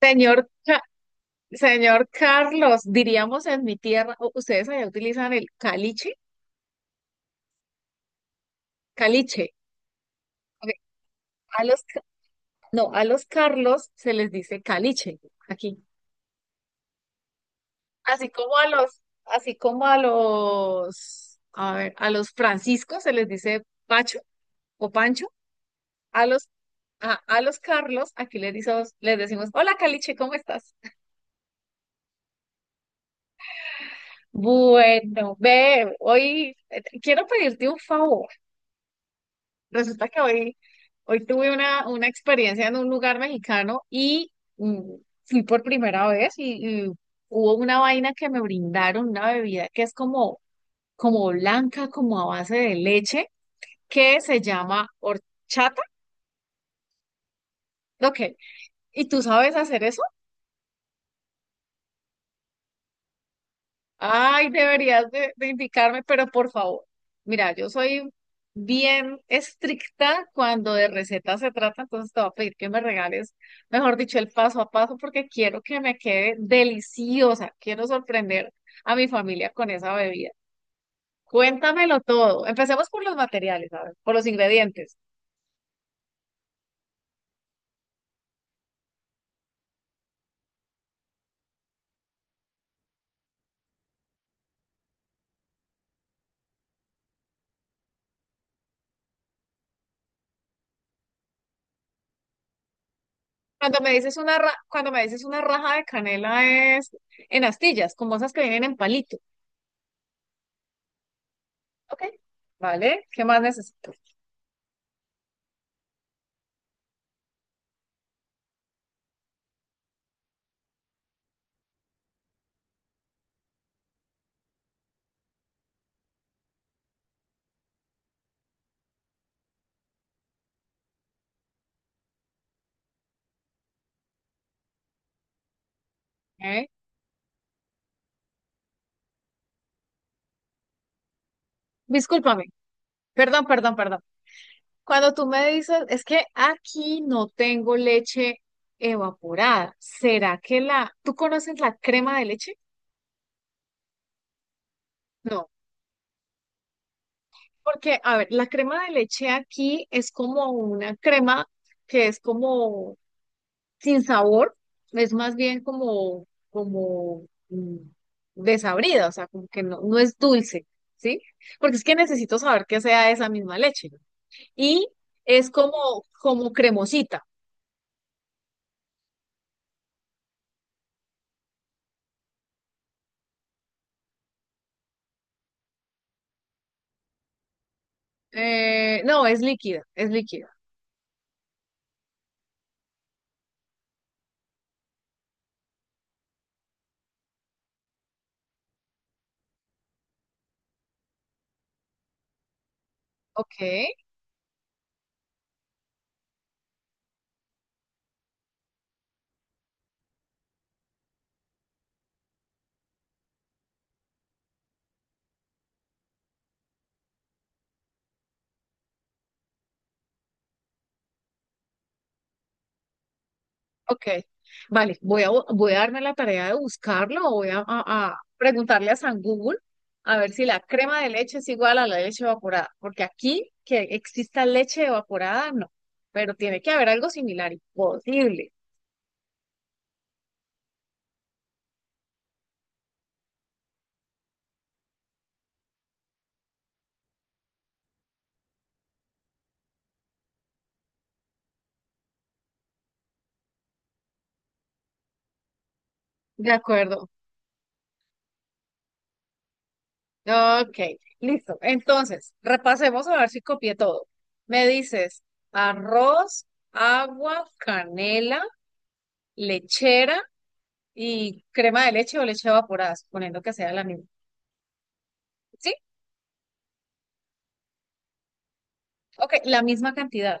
Señor, Ca- Señor Carlos, diríamos en mi tierra, ustedes allá utilizan el caliche, caliche. Ok. A los, ca- no, a los Carlos se les dice caliche aquí. Así como a los, así como a los, a ver, a los Franciscos se les dice Pacho o Pancho. A los, a los Carlos aquí les decimos, hola caliche, ¿cómo estás? Bueno, ve, hoy quiero pedirte un favor. Resulta que hoy, hoy tuve una experiencia en un lugar mexicano y fui por primera vez y hubo una vaina que me brindaron, una bebida que es como, como blanca, como a base de leche, que se llama horchata. Ok, ¿y tú sabes hacer? Ay, deberías de indicarme, pero por favor. Mira, yo soy bien estricta cuando de recetas se trata, entonces te voy a pedir que me regales, mejor dicho, el paso a paso, porque quiero que me quede deliciosa. Quiero sorprender a mi familia con esa bebida. Cuéntamelo todo. Empecemos por los materiales, a ver, por los ingredientes. Cuando me dices cuando me dices una raja de canela, es en astillas, como esas que vienen en palito. Ok. ¿Vale? ¿Qué más necesito? Ok. Discúlpame. Perdón, perdón, perdón. Cuando tú me dices, es que aquí no tengo leche evaporada. ¿Será que la... ¿tú conoces la crema de leche? No. Porque, a ver, la crema de leche aquí es como una crema que es como sin sabor, es más bien como, como, mm, desabrida, o sea, como que no, no es dulce, ¿sí? Porque es que necesito saber que sea esa misma leche, ¿no? Y es como, como cremosita. No, es líquida, es líquida. Ok, ok. Vale, voy a, voy a darme la tarea de buscarlo o voy a, a preguntarle a San Google a ver si la crema de leche es igual a la leche evaporada, porque aquí que exista leche evaporada, no, pero tiene que haber algo similar, imposible. De acuerdo. Ok, listo. Entonces, repasemos a ver si copié todo. Me dices arroz, agua, canela, lechera y crema de leche o leche evaporada, suponiendo que sea la misma. ¿Sí? Ok, la misma cantidad.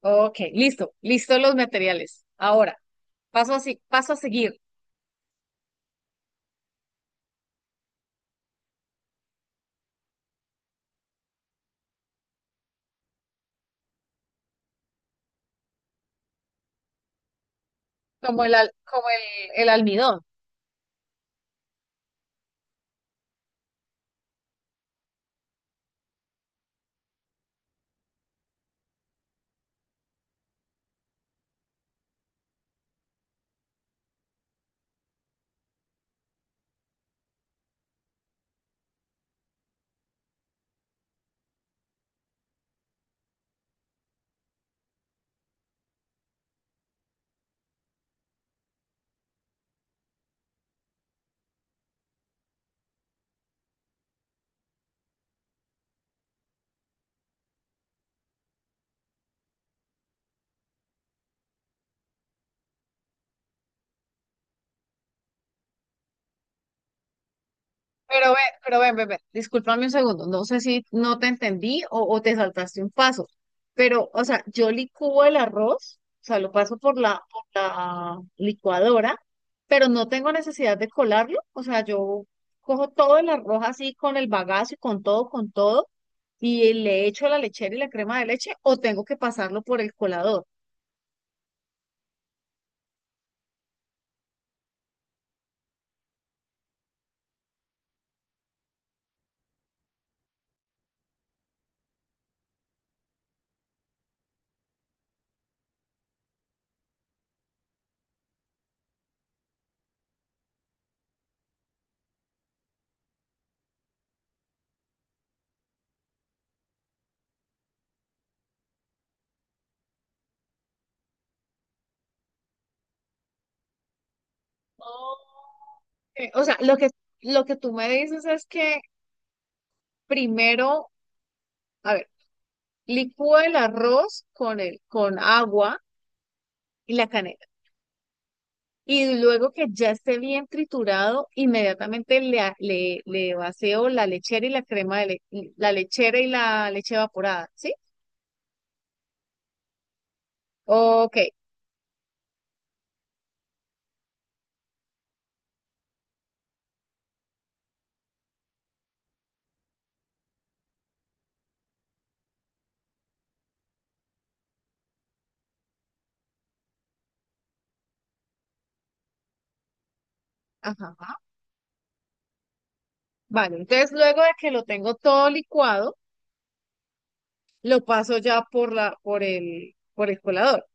Ok, listo, listo los materiales. Ahora, paso así, paso a seguir, como el, como el almidón. Pero ve, pero ven, ven, ven, discúlpame un segundo, no sé si no te entendí o te saltaste un paso, pero, o sea, yo licúo el arroz, o sea, lo paso por la licuadora, pero no tengo necesidad de colarlo, o sea, yo cojo todo el arroz así con el bagazo y con todo, y le echo la lechera y la crema de leche, o tengo que pasarlo por el colador. Ok, o sea, lo que tú me dices es que primero, a ver, licúa el arroz con el, con agua y la canela. Y luego que ya esté bien triturado, inmediatamente le, le, le vacío la lechera y la crema de le- la lechera y la leche evaporada, ¿sí? Ok, ajá, vale. Entonces luego de que lo tengo todo licuado, lo paso ya por la, por el colador.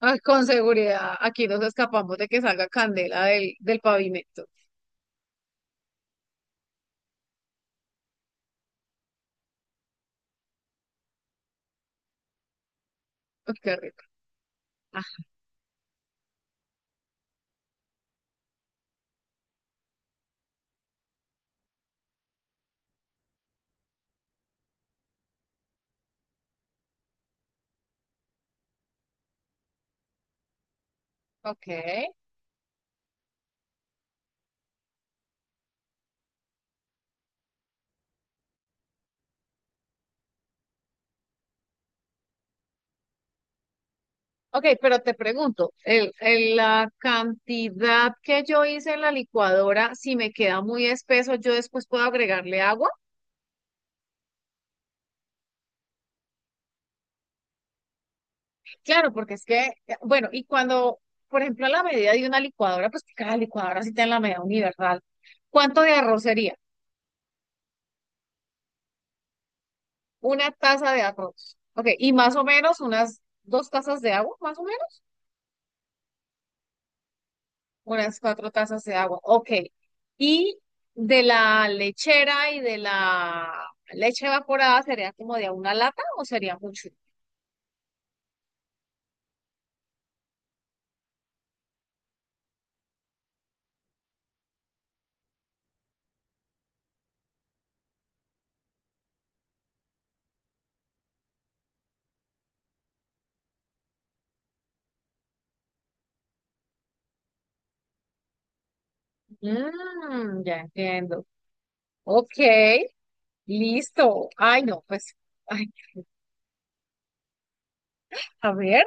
Ay, con seguridad, aquí nos escapamos de que salga candela del, del pavimento. Uy, qué rico. Ah, ok. Ok, pero te pregunto, el, la cantidad que yo hice en la licuadora, si me queda muy espeso, yo después puedo agregarle agua. Claro, porque es que, bueno, y cuando, por ejemplo, la medida de una licuadora, pues que cada licuadora sí tiene la medida universal. ¿Cuánto de arroz sería? Una taza de arroz. Ok, y más o menos unas dos tazas de agua, más o menos. Unas cuatro tazas de agua, ok. Y de la lechera y de la leche evaporada sería como de a una lata o sería mucho. Mm, ya entiendo. Ok, listo. Ay, no, pues, ay, a ver,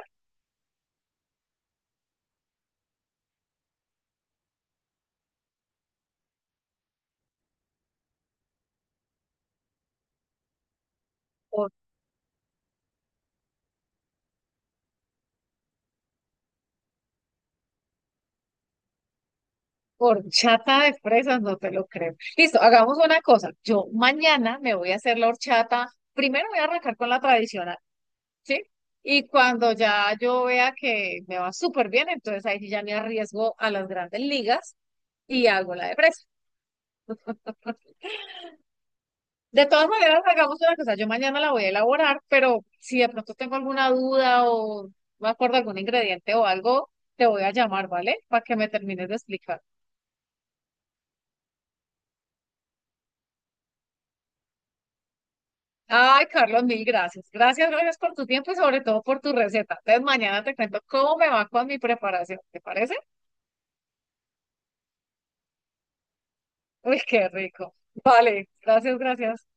por, horchata de fresas, no te lo creo. Listo, hagamos una cosa. Yo mañana me voy a hacer la horchata. Primero voy a arrancar con la tradicional. ¿Sí? Y cuando ya yo vea que me va súper bien, entonces ahí sí ya me arriesgo a las grandes ligas y hago la de presa. De todas maneras, hagamos una cosa, yo mañana la voy a elaborar, pero si de pronto tengo alguna duda o no me acuerdo algún ingrediente o algo, te voy a llamar, ¿vale? Para que me termines de explicar. Ay, Carlos, mil gracias. Gracias, gracias por tu tiempo y sobre todo por tu receta. Entonces mañana te cuento cómo me va con mi preparación. ¿Te parece? Uy, qué rico. Vale, gracias, gracias.